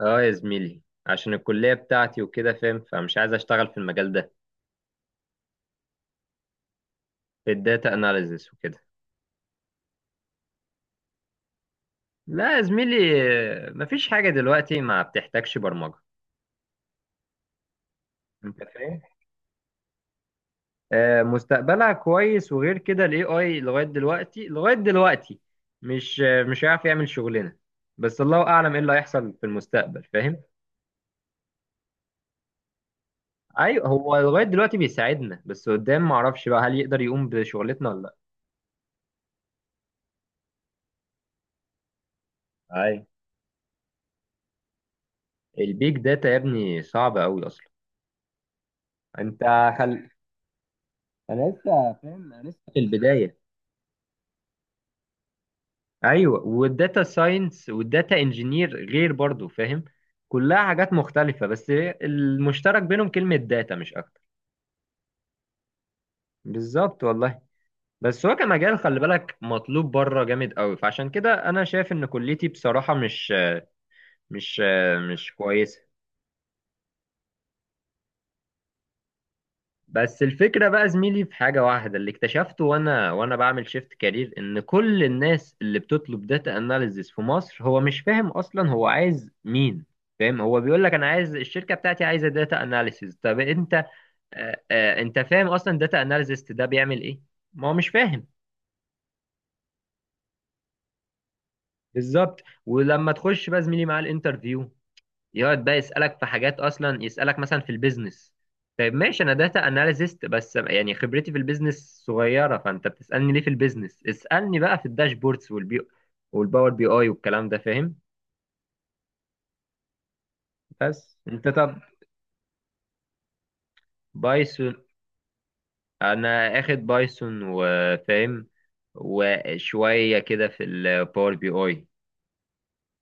اه يا زميلي. عشان الكلية بتاعتي وكده فاهم، فمش عايز اشتغل في المجال ده، في الداتا اناليزس وكده. لا يا زميلي. مفيش حاجة دلوقتي ما بتحتاجش برمجة. انت فاهم؟ آه، مستقبلها كويس، وغير كده الاي اي لغاية دلوقتي، مش هيعرف يعمل شغلنا. بس الله اعلم ايه اللي هيحصل في المستقبل، فاهم؟ ايوه، هو لغاية دلوقتي بيساعدنا، بس قدام معرفش بقى هل يقدر يقوم بشغلتنا ولا لا. ايوه. البيج داتا يا ابني صعب قوي اصلا. انت خل... انا لسه فاهم، انا لسه في البدايه. ايوه، والداتا ساينس والداتا انجينير غير برضو، فاهم؟ كلها حاجات مختلفه، بس المشترك بينهم كلمه داتا مش اكتر. بالظبط والله. بس هو كمجال خلي بالك مطلوب بره جامد قوي، فعشان كده انا شايف ان كليتي بصراحه مش مش كويسه. بس الفكرة بقى زميلي في حاجة واحدة اللي اكتشفته، وانا بعمل شيفت كارير، ان كل الناس اللي بتطلب داتا اناليزز في مصر هو مش فاهم اصلا هو عايز مين. فاهم؟ هو بيقول لك انا عايز الشركة بتاعتي عايزة داتا اناليسز. طب انت انت فاهم اصلا داتا اناليسز ده بيعمل ايه؟ ما هو مش فاهم. بالظبط. ولما تخش بقى زميلي مع الانترفيو، يقعد بقى يسألك في حاجات، أصلا يسألك مثلا في البيزنس. طيب ماشي، أنا داتا أناليست، بس يعني خبرتي في البيزنس صغيرة، فأنت بتسألني ليه في البيزنس؟ اسألني بقى في الداشبوردز والباور بي أي والكلام ده، فاهم؟ بس أنت طب. بايثون. أنا آخد بايثون وفاهم، وشوية كده في الباور بي أي.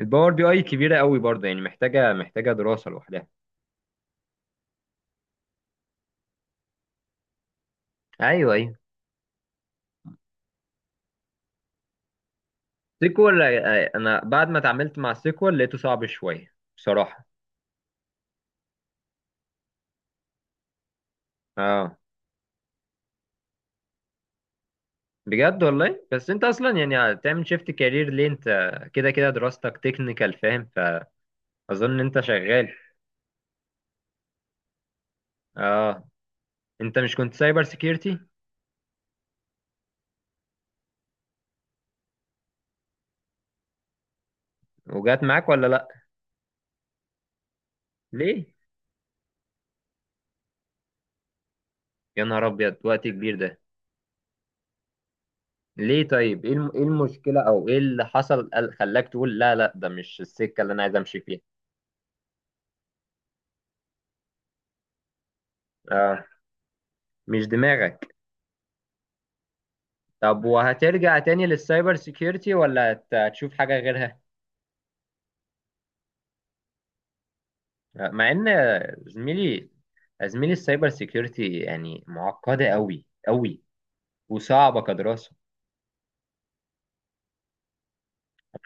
الباور بي أي كبيرة قوي برضه، يعني محتاجة دراسة لوحدها. أيوه أيوه. سيكوال؟ أنا بعد ما اتعاملت مع سيكوال لقيته صعب شوية بصراحة. اه. بجد والله. بس انت اصلا يعني تعمل شيفت كارير ليه انت؟ كده كده دراستك تكنيكال، فاهم؟ فاظن انت شغال. اه. انت مش كنت سايبر سيكيورتي؟ وجات معاك ولا لا؟ ليه؟ يا نهار ابيض، وقت كبير ده. ليه طيب، ايه ايه المشكلة او ايه اللي حصل خلاك تقول لا لا ده مش السكة اللي انا عايز امشي فيها؟ اه. مش دماغك. طب وهترجع تاني للسايبر سيكيورتي ولا هتشوف حاجة غيرها؟ مع ان زميلي زميلي، السايبر سيكيورتي يعني معقده قوي قوي، وصعبه كدراسه.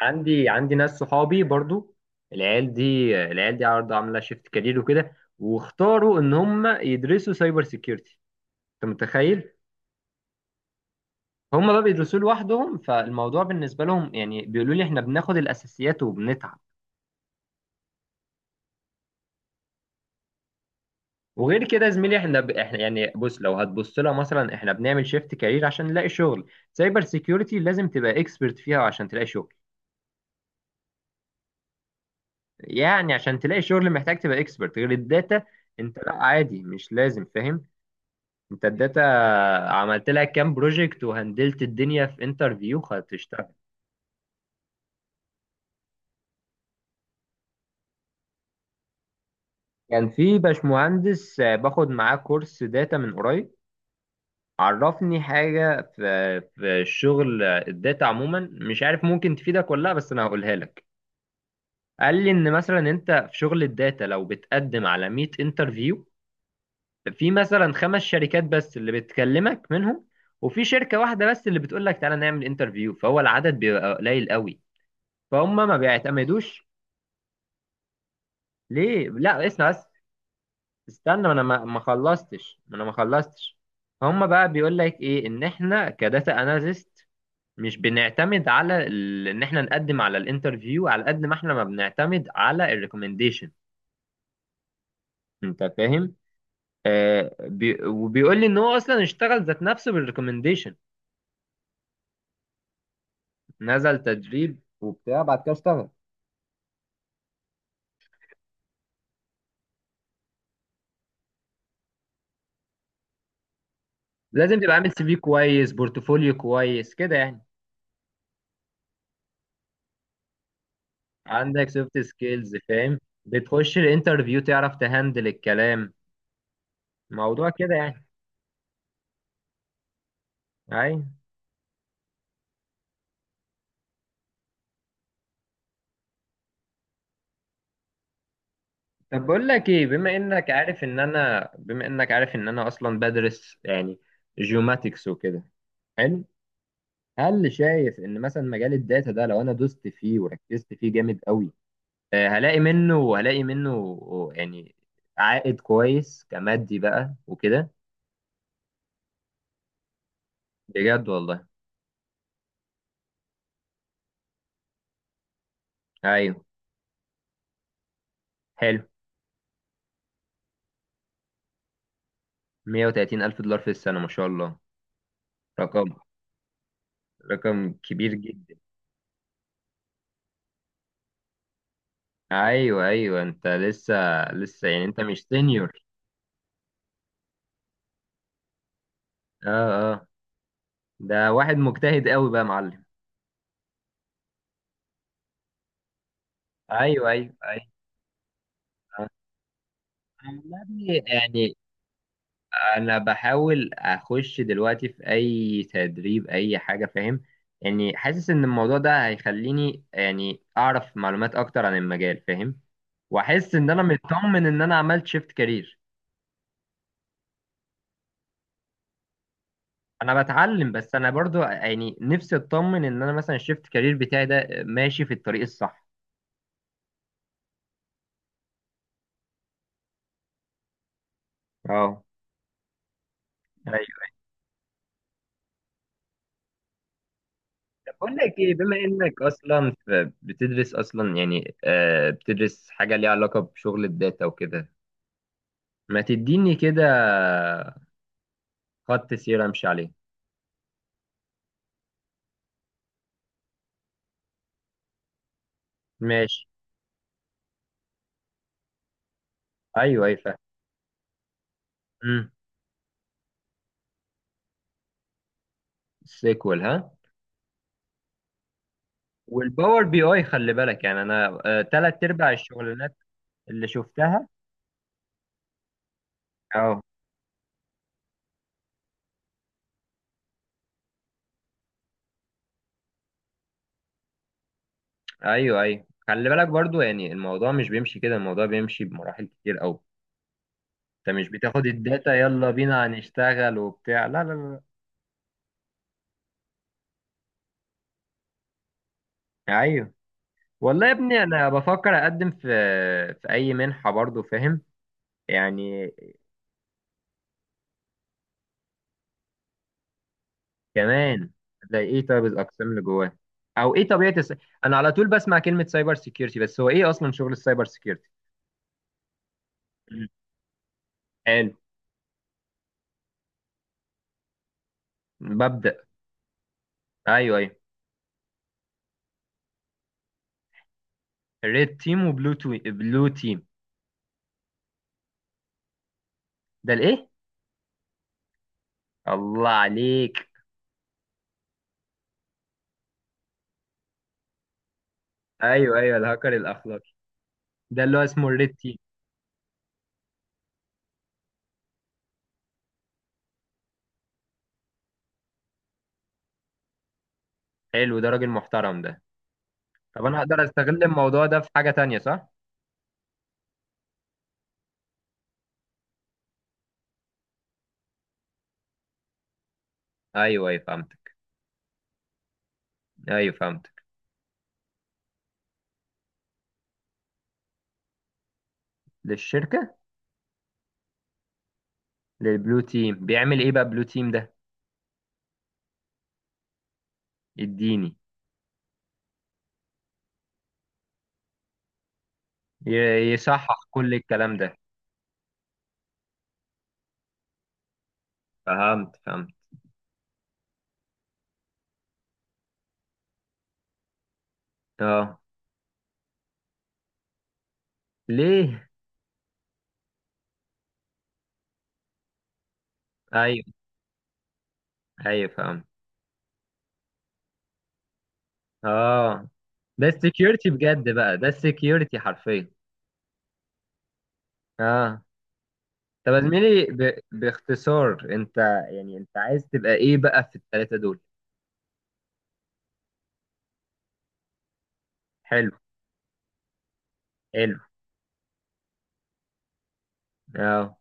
عندي ناس صحابي برضو. العيال دي العيال دي عرض عامله شيفت كارير وكده، واختاروا ان هم يدرسوا سايبر سيكيورتي. انت متخيل؟ هم بقى بيدرسوه لوحدهم، فالموضوع بالنسبه لهم يعني بيقولوا لي احنا بناخد الاساسيات وبنتعب. وغير كده يا زميلي، احنا يعني بص، لو هتبص لها مثلا، احنا بنعمل شيفت كارير عشان نلاقي شغل. سايبر سيكيورتي لازم تبقى اكسبرت فيها عشان تلاقي شغل. يعني عشان تلاقي شغل محتاج تبقى اكسبرت، غير الداتا. انت لا، عادي مش لازم فاهم. انت الداتا عملت لها كام بروجكت وهندلت الدنيا في انترفيو هتشتغل. كان في باشمهندس باخد معاه كورس داتا من قريب، عرفني حاجة في الشغل. الداتا عموما مش عارف ممكن تفيدك ولا لا، بس انا هقولها لك. قال لي ان مثلا انت في شغل الداتا لو بتقدم على 100 انترفيو، في مثلا خمس شركات بس اللي بتكلمك منهم، وفي شركة واحدة بس اللي بتقول لك تعالى نعمل انترفيو. فهو العدد بيبقى قليل قوي، فهم ما بيعتمدوش. ليه؟ لا اسمع بس، استنى ما انا ما خلصتش، ما انا ما خلصتش. هم بقى بيقول لك ايه ان احنا كداتا اناليست مش بنعتمد على ان احنا نقدم على الانترفيو على قد ما احنا ما بنعتمد على الريكومنديشن. انت فاهم؟ بي، وبيقول لي ان هو اصلا اشتغل ذات نفسه بالريكومنديشن. نزل تدريب وبتاع، بعد كده اشتغل. لازم تبقى عامل سي في كويس، بورتفوليو كويس كده يعني. عندك سوفت سكيلز فاهم، بتخش الانترفيو تعرف تهندل الكلام. موضوع كده يعني. اي. طب بقول لك ايه، بما انك عارف ان انا بما انك عارف ان انا اصلا بدرس يعني جيوماتكس وكده. حلو. هل شايف ان مثلا مجال الداتا ده لو انا دوست فيه وركزت فيه جامد قوي، هلاقي منه يعني عائد كويس كمادي بقى وكده؟ بجد والله. ايوه حلو. 130 الف دولار في السنة، ما شاء الله. رقم رقم كبير جدا. ايوه ايوه انت لسه. يعني انت مش سينيور؟ اه اه. ده واحد مجتهد قوي بقى يا معلم. ايوه ايوه ايوه. آه. والله يعني، انا بحاول اخش دلوقتي في اي تدريب اي حاجه فاهم، يعني حاسس ان الموضوع ده هيخليني يعني اعرف معلومات اكتر عن المجال فاهم. واحس ان انا مطمن ان انا عملت شيفت كارير. انا بتعلم، بس انا برضو يعني نفسي اطمن ان انا مثلا الشيفت كارير بتاعي ده ماشي في الطريق الصح. اه. ايوه. طب بقول لك ايه، بما انك اصلا بتدرس اصلا يعني بتدرس حاجه ليها علاقه بشغل الداتا وكده، ما تديني كده خط سير امشي عليه. ماشي. ايوه اي فاهم. امم سيكوال؟ ها؟ والباور بي اي خلي بالك، يعني انا تلات ارباع الشغلانات اللي شفتها. اه. ايوه ايوه خلي بالك برضو يعني الموضوع مش بيمشي كده، الموضوع بيمشي بمراحل كتير قوي. انت مش بتاخد الداتا يلا بينا هنشتغل وبتاع، لا لا لا. لا. ايوه. والله يا ابني انا بفكر اقدم في اي منحة برضو فاهم، يعني. كمان. هتلاقي ايه طيب الاقسام اللي جواه؟ او ايه طبيعه انا على طول بسمع كلمه سايبر سيكيورتي، بس هو ايه اصلا شغل السايبر سيكيورتي؟ مم. حلو. ببدا. ايوه ايوه. ريد تيم وبلو تو... بلو تيم. ده الايه؟ الله عليك. ايوه ايوه. الهاكر الاخلاقي، ده اللي هو اسمه الريد تيم. حلو، ده راجل محترم ده. طب انا اقدر استغل الموضوع ده في حاجه تانية صح؟ ايوه ايوه فهمتك. ايوه فهمتك. للشركه؟ للبلو تيم، بيعمل ايه بقى بلو تيم ده؟ اديني. يصحح كل الكلام ده؟ فهمت فهمت. اه. ليه؟ ايوه ايوه فهمت. اه. ده السكيورتي بجد بقى، ده السكيورتي حرفيا. اه. طب يا زميلي باختصار انت، يعني انت عايز تبقى ايه بقى في الثلاثه دول؟ حلو. حلو. اه.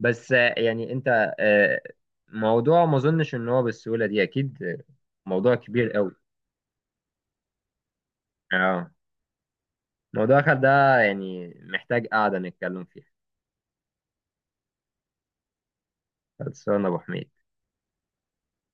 بس يعني انت آه، موضوع ما اظنش ان هو بالسهوله دي اكيد. موضوع كبير قوي. اه. موضوع ده يعني محتاج قعده نتكلم فيها. خلصانه يا ابو حميد.